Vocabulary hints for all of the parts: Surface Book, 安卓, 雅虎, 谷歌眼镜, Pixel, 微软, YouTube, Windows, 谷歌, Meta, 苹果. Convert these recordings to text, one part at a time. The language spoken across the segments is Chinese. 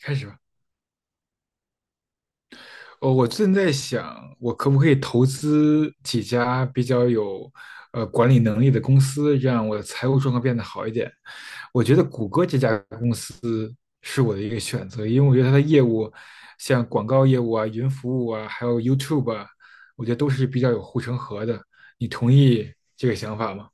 开始吧。哦，我正在想，我可不可以投资几家比较有管理能力的公司，让我的财务状况变得好一点？我觉得谷歌这家公司是我的一个选择，因为我觉得它的业务，像广告业务啊、云服务啊，还有 YouTube 啊，我觉得都是比较有护城河的。你同意这个想法吗？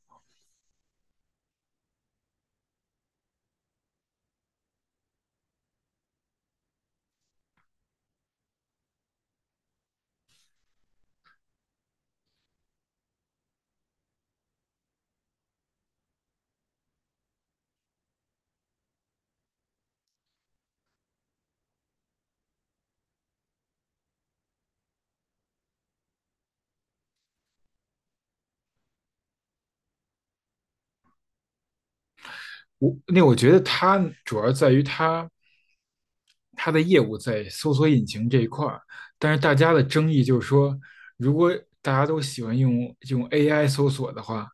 那我觉得它主要在于它。它的业务在搜索引擎这一块儿，但是大家的争议就是说，如果大家都喜欢用 AI 搜索的话，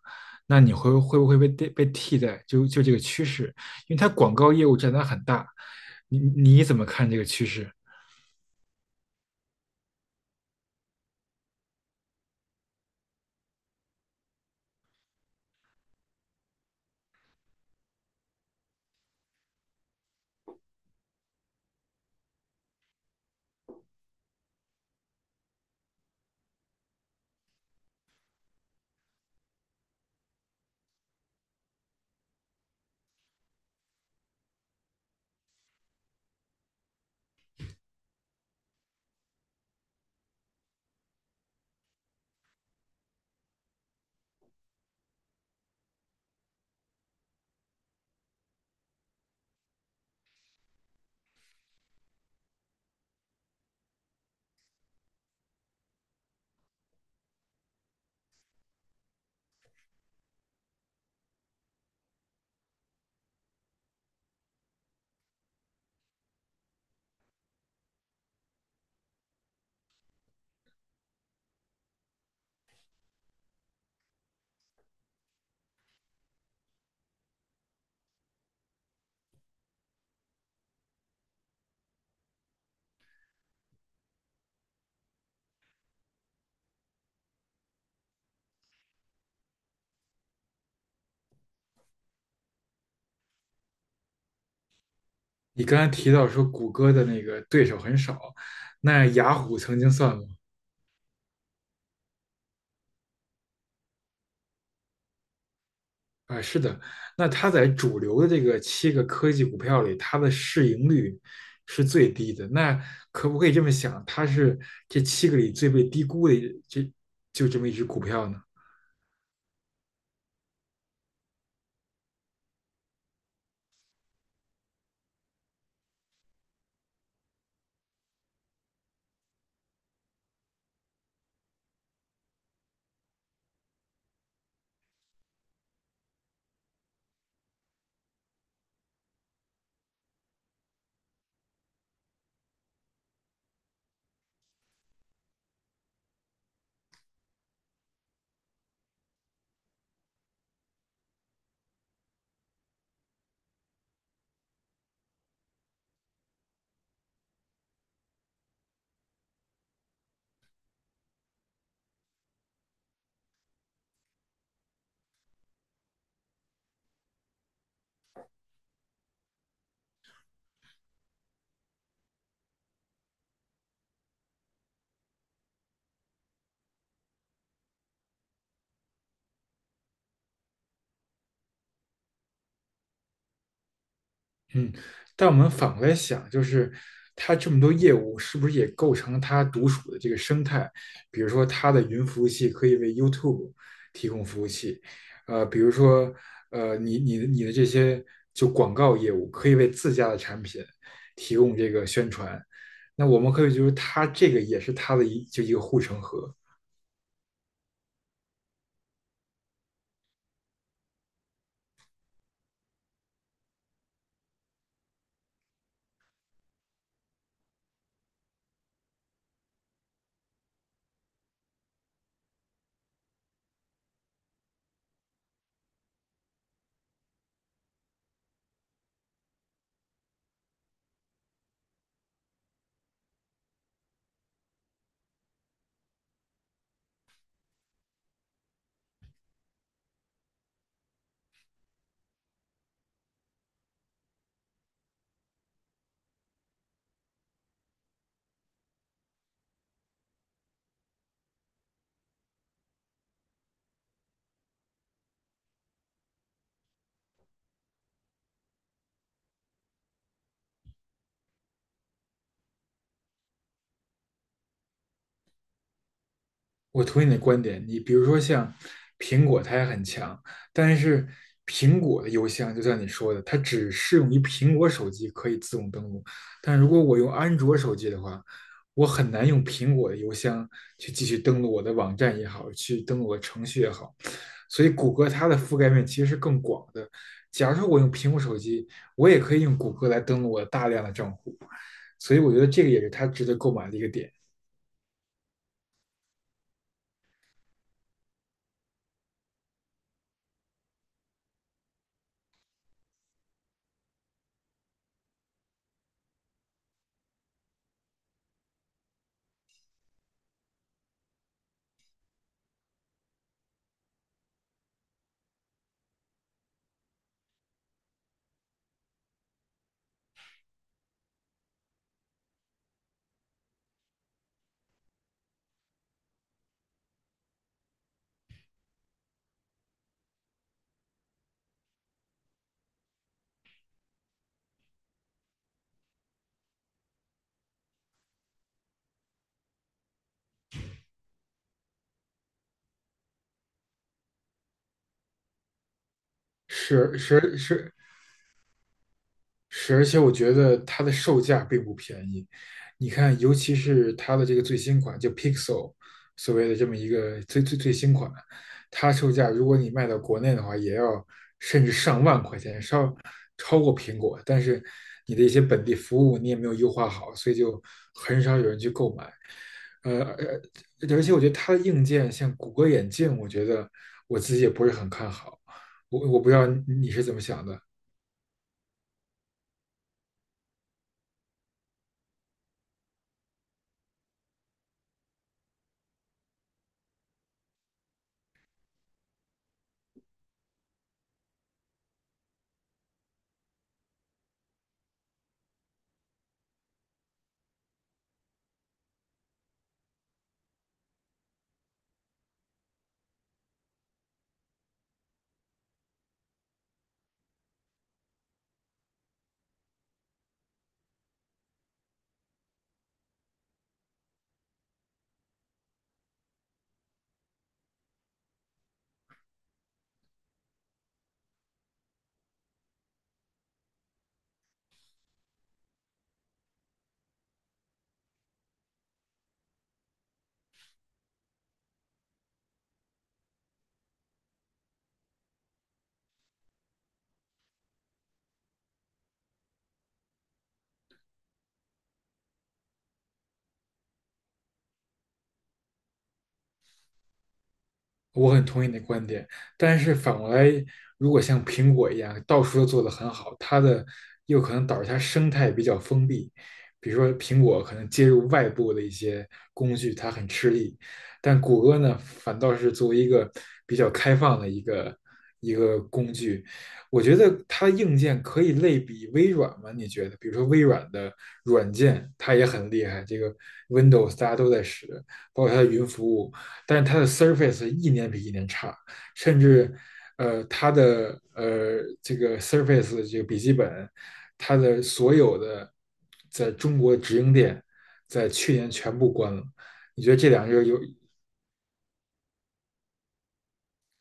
那你会不会被替代？就这个趋势，因为它广告业务占它很大，你怎么看这个趋势？你刚才提到说谷歌的那个对手很少，那雅虎曾经算吗？啊，是的，那它在主流的这个七个科技股票里，它的市盈率是最低的。那可不可以这么想，它是这七个里最被低估的这这么一只股票呢？嗯，但我们反过来想，就是它这么多业务，是不是也构成了它独属的这个生态？比如说，它的云服务器可以为 YouTube 提供服务器，比如说，你的这些广告业务可以为自家的产品提供这个宣传。那我们可以就是它这个也是它的一个护城河，我同意你的观点，你比如说像苹果，它也很强，但是苹果的邮箱就像你说的，它只适用于苹果手机可以自动登录，但如果我用安卓手机的话，我很难用苹果的邮箱去继续登录我的网站也好，去登录我的程序也好，所以谷歌它的覆盖面其实是更广的。假如说我用苹果手机，我也可以用谷歌来登录我大量的账户，所以我觉得这个也是它值得购买的一个点。是是是，是，而且我觉得它的售价并不便宜。你看，尤其是它的这个最新款，就 Pixel,所谓的这么一个最新款，它售价如果你卖到国内的话，也要甚至上万块钱，稍超过苹果。但是你的一些本地服务你也没有优化好，所以就很少有人去购买。呃，而而且我觉得它的硬件，像谷歌眼镜，我觉得我自己也不是很看好。我不知道你是怎么想的。我很同意你的观点，但是反过来，如果像苹果一样到处都做得很好，它的又可能导致它生态比较封闭。比如说，苹果可能接入外部的一些工具，它很吃力，但谷歌呢，反倒是作为一个比较开放的一个工具，我觉得它硬件可以类比微软吗？你觉得？比如说微软的软件，它也很厉害，这个 Windows 大家都在使，包括它的云服务。但是它的 Surface 一年比一年差，甚至它的这个 Surface 这个笔记本，它的所有的在中国直营店在去年全部关了。你觉得这两个有，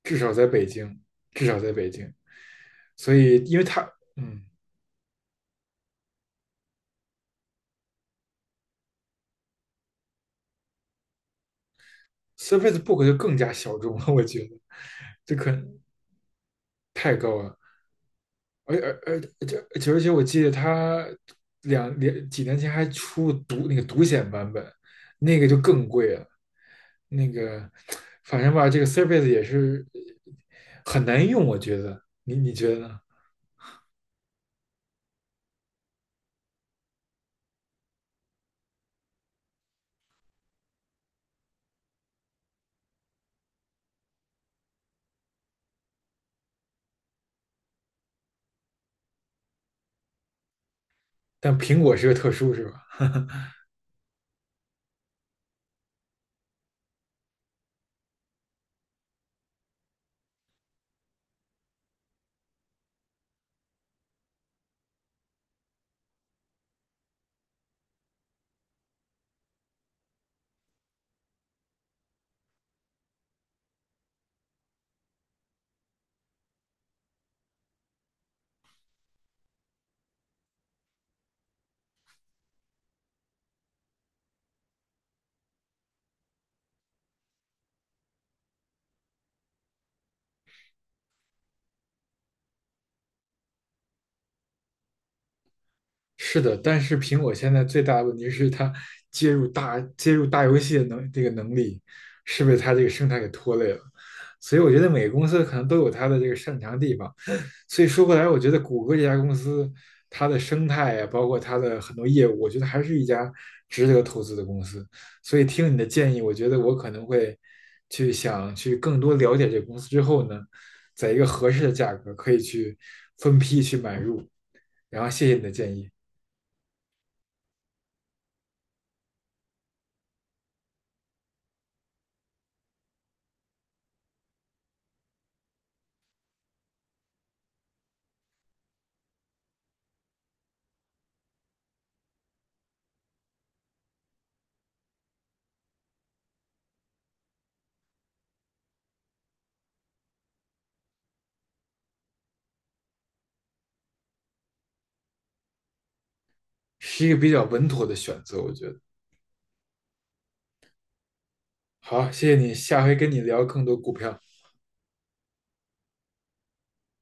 至少在北京，至少在北京，所以因为它嗯，Surface Book 就更加小众了，我觉得这可太高了。而而而这而且而且我记得他几年前还出那个独显版本，那个就更贵了。那个反正吧，这个 Surface 也是很难用，我觉得。你觉得呢？但苹果是个特殊，是吧？是的，但是苹果现在最大的问题是它接入大游戏的这个能力是被它这个生态给拖累了，所以我觉得每个公司可能都有它的这个擅长的地方。所以说回来，我觉得谷歌这家公司它的生态啊，包括它的很多业务，我觉得还是一家值得投资的公司。所以听你的建议，我觉得我可能会去更多了解这个公司之后呢，在一个合适的价格可以去分批去买入。然后谢谢你的建议。是一个比较稳妥的选择，我觉得。好，谢谢你，下回跟你聊更多股票。